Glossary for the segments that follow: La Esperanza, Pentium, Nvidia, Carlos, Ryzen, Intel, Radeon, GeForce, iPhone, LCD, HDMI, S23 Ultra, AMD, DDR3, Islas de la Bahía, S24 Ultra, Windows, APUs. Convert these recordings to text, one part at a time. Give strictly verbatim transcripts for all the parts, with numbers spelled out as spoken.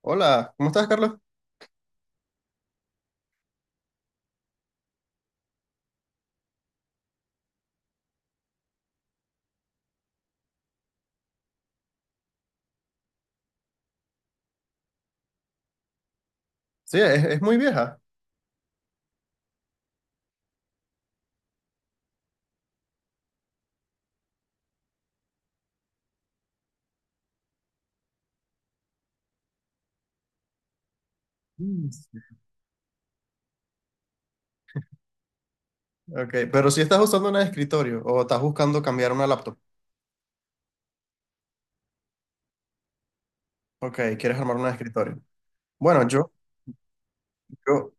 Hola, ¿cómo estás, Carlos? Sí, es, es muy vieja. Mm, sí. Ok, pero si estás usando una de escritorio o estás buscando cambiar una laptop. Ok, quieres armar una de escritorio. Bueno, yo, yo,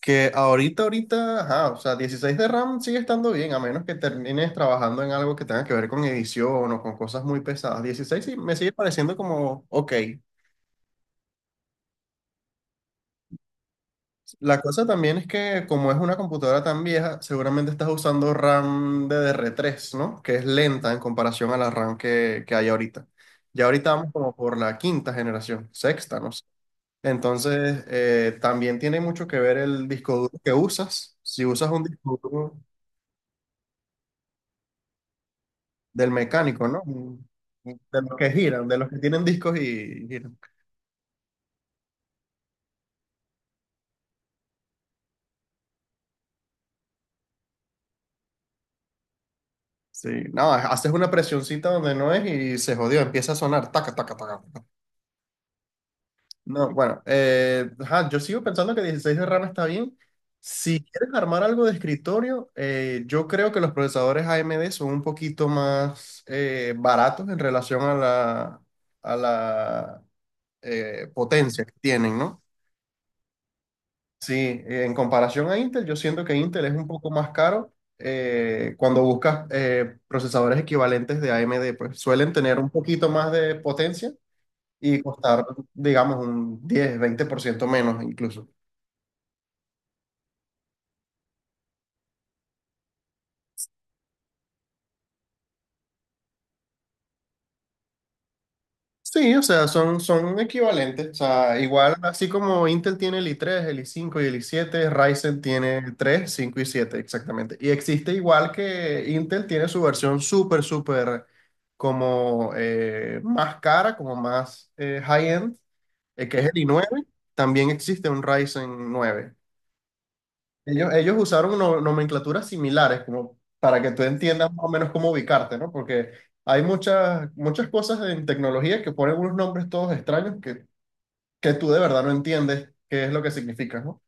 que ahorita, ahorita, ajá, o sea, dieciséis de RAM sigue estando bien, a menos que termines trabajando en algo que tenga que ver con edición o con cosas muy pesadas. dieciséis sí, me sigue pareciendo como, ok. La cosa también es que como es una computadora tan vieja, seguramente estás usando RAM de D D R tres, ¿no? Que es lenta en comparación a la RAM que, que hay ahorita. Ya ahorita vamos como por la quinta generación, sexta, no sé. Entonces, eh, también tiene mucho que ver el disco duro que usas. Si usas un disco duro del mecánico, ¿no? Un- un- De los que giran, de los que tienen discos y giran. Sí, no, haces una presioncita donde no es y se jodió, empieza a sonar, taca, taca, taca. No, bueno, eh, ajá, yo sigo pensando que dieciséis de RAM está bien. Si quieres armar algo de escritorio, eh, yo creo que los procesadores A M D son un poquito más eh, baratos en relación a la, a la eh, potencia que tienen, ¿no? Sí, eh, en comparación a Intel, yo siento que Intel es un poco más caro eh, cuando buscas eh, procesadores equivalentes de A M D, pues suelen tener un poquito más de potencia y costar, digamos, un diez, veinte por ciento menos incluso. Sí, o sea, son, son equivalentes. O sea, igual, así como Intel tiene el i tres, el i cinco y el i siete, Ryzen tiene tres, cinco y siete exactamente. Y existe igual que Intel tiene su versión súper, súper como eh, más cara, como más eh, high-end, eh, que es el i nueve. También existe un Ryzen nueve. Ellos, ellos usaron no- nomenclaturas similares, como para que tú entiendas más o menos cómo ubicarte, ¿no? Porque hay muchas, muchas cosas en tecnología que ponen unos nombres todos extraños que, que tú de verdad no entiendes qué es lo que significa, ¿no?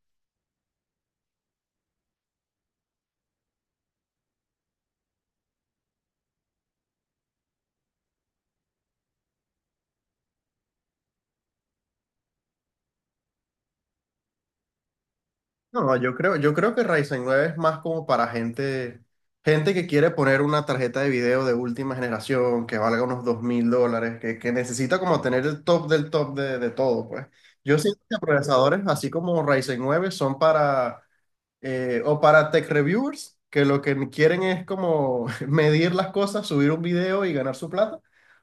No, yo creo, yo creo que Ryzen nueve es más como para gente, gente que quiere poner una tarjeta de video de última generación que valga unos dos mil dólares, que, que necesita como tener el top del top de, de todo, pues. Yo siento que procesadores así como Ryzen nueve son para Eh, o para tech reviewers, que lo que quieren es como medir las cosas, subir un video y ganar su plata.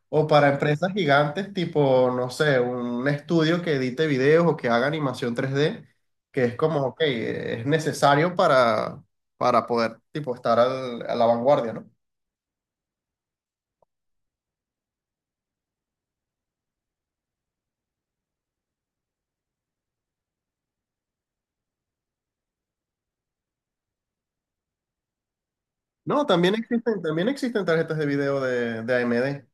O para empresas gigantes tipo, no sé, un estudio que edite videos o que haga animación tres d que es como, ok, es necesario para, para poder tipo, estar al- a la vanguardia, ¿no? No, también existen, también existen tarjetas de video de, de A M D.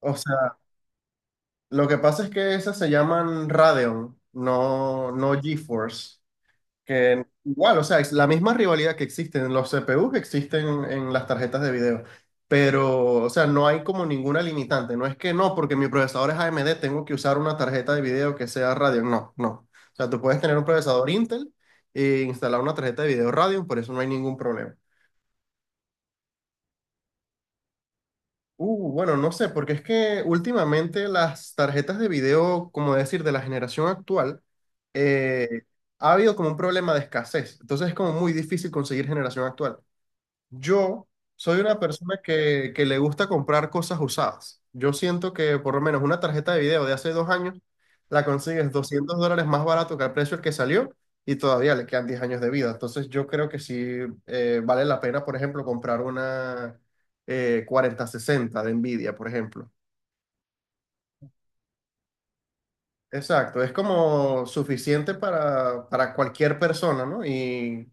O sea, lo que pasa es que esas se llaman Radeon, no, no GeForce. Que igual, o sea, es la misma rivalidad que existe en los C P Us que existen en las tarjetas de video. Pero, o sea, no hay como ninguna limitante. No es que no, porque mi procesador es A M D, tengo que usar una tarjeta de video que sea Radeon. No, no. O sea, tú puedes tener un procesador Intel e instalar una tarjeta de video Radeon, por eso no hay ningún problema. Uh, bueno, no sé, porque es que últimamente las tarjetas de video, como decir, de la generación actual, eh, ha habido como un problema de escasez. Entonces es como muy difícil conseguir generación actual. Yo soy una persona que, que le gusta comprar cosas usadas. Yo siento que por lo menos una tarjeta de video de hace dos años la consigues doscientos dólares más barato que el precio al que salió y todavía le quedan diez años de vida. Entonces yo creo que sí eh, vale la pena, por ejemplo, comprar una eh, cuarenta sesenta de Nvidia, por ejemplo. Exacto, es como suficiente para, para cualquier persona, ¿no? Y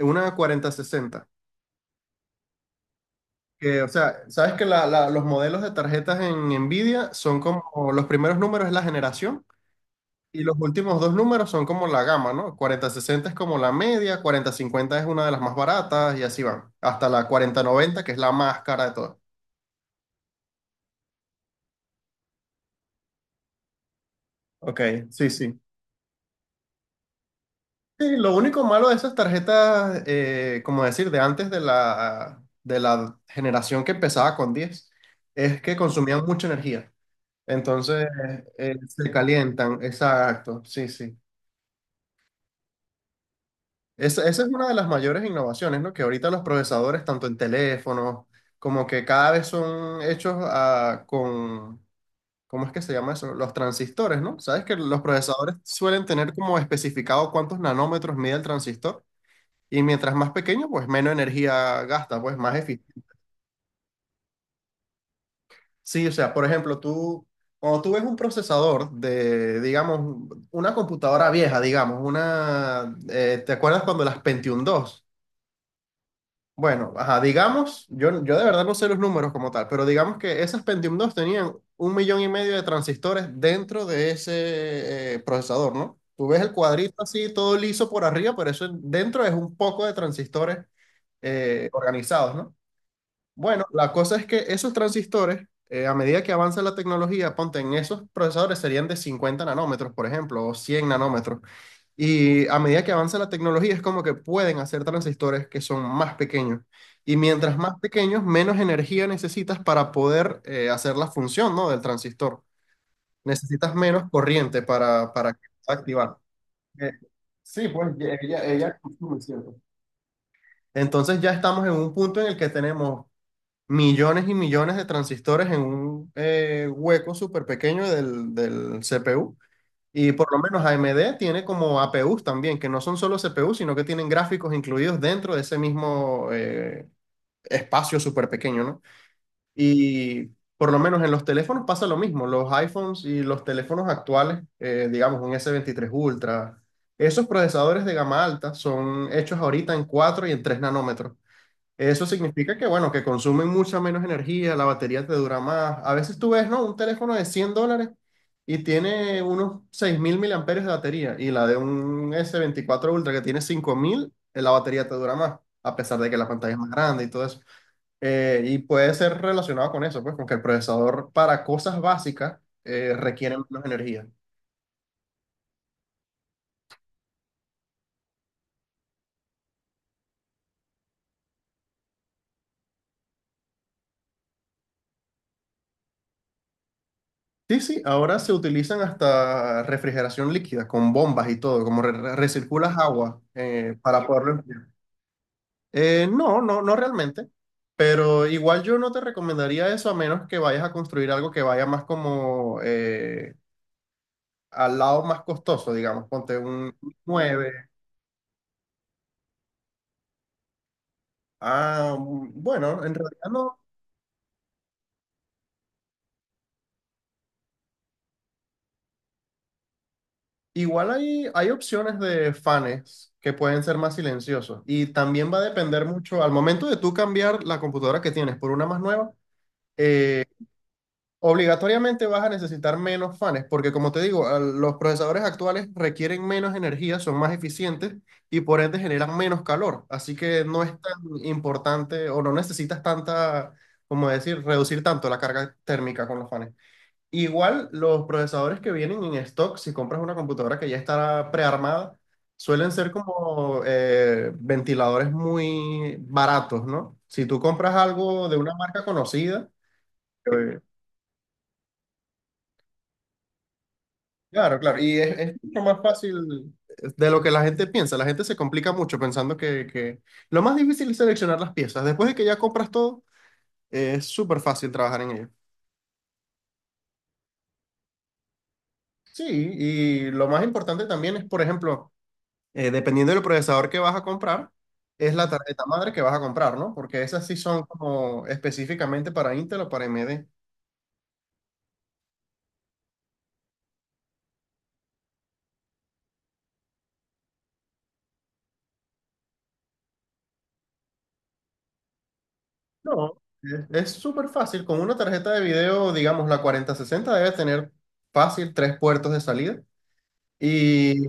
una cuarenta sesenta. Que, o sea, sabes que la- la- los modelos de tarjetas en Nvidia son como los primeros números es la generación y los últimos dos números son como la gama, ¿no? Cuarenta sesenta es como la media, cuarenta cincuenta es una de las más baratas y así van, hasta la cuarenta noventa que es la más cara de todas. Ok, sí, sí. Sí, lo único malo de esas tarjetas, eh, como decir, de antes de la, de la generación que empezaba con diez es que consumían mucha energía. Entonces, eh, se calientan, exacto, sí, sí. Esa, esa es una de las mayores innovaciones, ¿no? Que ahorita los procesadores, tanto en teléfonos, como que cada vez son hechos ah, con, ¿cómo es que se llama eso? Los transistores, ¿no? Sabes que los procesadores suelen tener como especificado cuántos nanómetros mide el transistor y mientras más pequeño, pues menos energía gasta, pues más eficiente. Sí, o sea, por ejemplo, tú, cuando tú ves un procesador de, digamos, una computadora vieja, digamos, una, eh, ¿te acuerdas cuando las Pentium dos? Bueno, ajá, digamos, yo, yo de verdad no sé los números como tal, pero digamos que esas Pentium dos tenían un millón y medio de transistores dentro de ese eh, procesador, ¿no? Tú ves el cuadrito así, todo liso por arriba, pero eso dentro es un poco de transistores eh, organizados, ¿no? Bueno, la cosa es que esos transistores, eh, a medida que avanza la tecnología, ponte en esos procesadores serían de cincuenta nanómetros, por ejemplo, o cien nanómetros. Y a medida que avanza la tecnología, es como que pueden hacer transistores que son más pequeños. Y mientras más pequeños, menos energía necesitas para poder eh, hacer la función, ¿no? Del transistor. Necesitas menos corriente para, para que pueda activar. Eh, sí, pues ye- ella, ella consume, ¿cierto? Entonces ya estamos en un punto en el que tenemos millones y millones de transistores en un eh, hueco súper pequeño del, del C P U. Y por lo menos A M D tiene como A P Us también, que no son solo C P Us, sino que tienen gráficos incluidos dentro de ese mismo eh, espacio súper pequeño, ¿no? Y por lo menos en los teléfonos pasa lo mismo. Los iPhones y los teléfonos actuales, eh, digamos un S veintitrés Ultra, esos procesadores de gama alta son hechos ahorita en cuatro y en tres nanómetros. Eso significa que, bueno, que consumen mucha menos energía, la batería te dura más. A veces tú ves, ¿no? Un teléfono de cien dólares y tiene unos seis mil miliamperios de batería y la de un s veinticuatro Ultra que tiene cinco mil, eh, la batería te dura más, a pesar de que la pantalla es más grande y todo eso. Eh, y puede ser relacionado con eso, pues, con que el procesador para cosas básicas eh, requiere menos energía. Sí, sí, ahora se utilizan hasta refrigeración líquida, con bombas y todo, como re- re- recirculas agua eh, para poderlo... Eh, no, no, no realmente. Pero igual yo no te recomendaría eso a menos que vayas a construir algo que vaya más como eh, al lado más costoso, digamos, ponte un nueve. Ah, mm, bueno, en realidad no. Igual hay, hay opciones de fans que pueden ser más silenciosos y también va a depender mucho al momento de tú cambiar la computadora que tienes por una más nueva. Obligatoriamente vas a necesitar menos fans, porque como te digo, al- los procesadores actuales requieren menos energía, son más eficientes y por ende generan menos calor. Así que no es tan importante o no necesitas tanta, como decir, reducir tanto la carga térmica con los fans. Igual los procesadores que vienen en stock, si compras una computadora que ya está prearmada, suelen ser como eh, ventiladores muy baratos, ¿no? Si tú compras algo de una marca conocida, eh... Claro, claro. Y es, es mucho más fácil de lo que la gente piensa. La gente se complica mucho pensando que, que... Lo más difícil es seleccionar las piezas. Después de que ya compras todo, eh, es súper fácil trabajar en ello. Sí, y lo más importante también es, por ejemplo, eh, dependiendo del procesador que vas a comprar, es la tarjeta madre que vas a comprar, ¿no? Porque esas sí son como específicamente para Intel o para A M D. No, es es súper fácil. Con una tarjeta de video, digamos, la cuarenta sesenta, debe tener fácil tres puertos de salida. Y...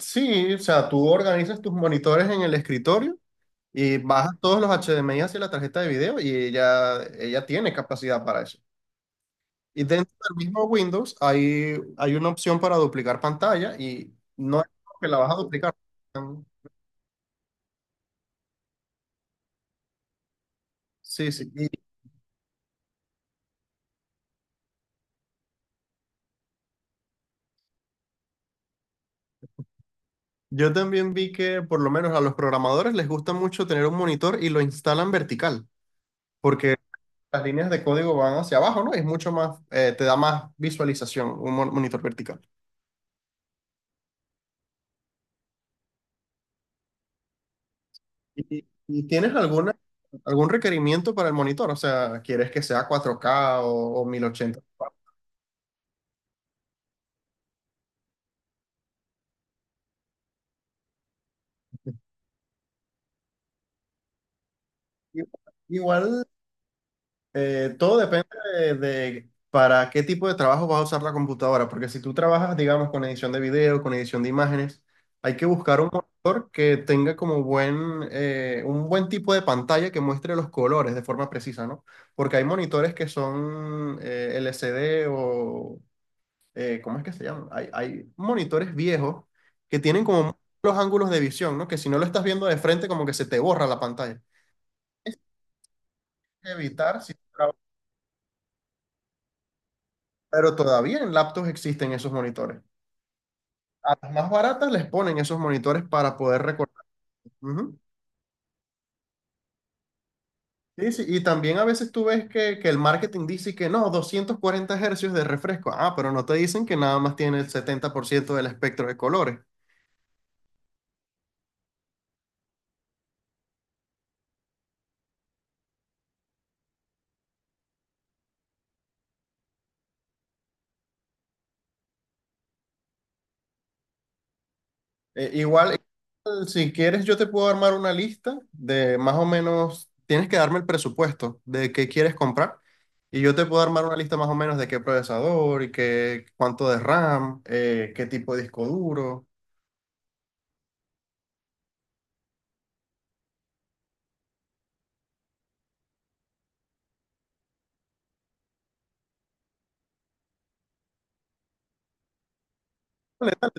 Sí, o sea, tú organizas tus monitores en el escritorio y bajas todos los H D M I hacia la tarjeta de video y ella, ella tiene capacidad para eso. Y dentro del mismo Windows hay, hay una opción para duplicar pantalla y no es como que la vas a duplicar. Sí, sí. Y yo también vi que por lo menos a los programadores les gusta mucho tener un monitor y lo instalan vertical, porque las líneas de código van hacia abajo, ¿no? Es mucho más, eh, te da más visualización un mon- monitor vertical. ¿Y, y tienes alguna, algún requerimiento para el monitor? O sea, ¿quieres que sea cuatro k o, o mil ochenta? Igual, igual, eh, todo depende de, de para qué tipo de trabajo vas a usar la computadora, porque si tú trabajas, digamos, con edición de video, con edición de imágenes, hay que buscar un monitor que tenga como buen, eh, un buen tipo de pantalla que muestre los colores de forma precisa, ¿no? Porque hay monitores que son eh, L C D o, eh, ¿cómo es que se llaman? Hay, hay monitores viejos que tienen como los ángulos de visión, ¿no? Que si no lo estás viendo de frente, como que se te borra la pantalla. Es evitar, sí, pero todavía en laptops existen esos monitores. A las más baratas les ponen esos monitores para poder recordar. Ujú. Sí, sí. Y también a veces tú ves que, que el marketing dice que no, doscientos cuarenta hercios de refresco. Ah, pero no te dicen que nada más tiene el setenta por ciento del espectro de colores. Eh, igual, igual, si quieres, yo te puedo armar una lista de más o menos, tienes que darme el presupuesto de qué quieres comprar y yo te puedo armar una lista más o menos de qué procesador y qué, cuánto de RAM, eh, qué tipo de disco duro.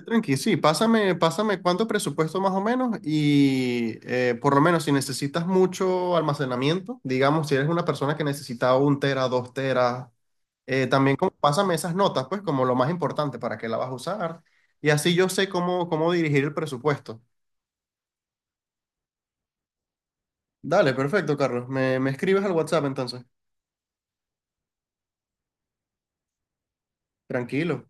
Tranqui, sí, pásame, pásame cuánto presupuesto más o menos y eh, por lo menos si necesitas mucho almacenamiento, digamos, si eres una persona que necesita un tera, dos teras, eh, también como, pásame esas notas, pues como lo más importante para qué la vas a usar y así yo sé cómo, cómo dirigir el presupuesto. Dale, perfecto, Carlos, me, me escribes al WhatsApp entonces, tranquilo.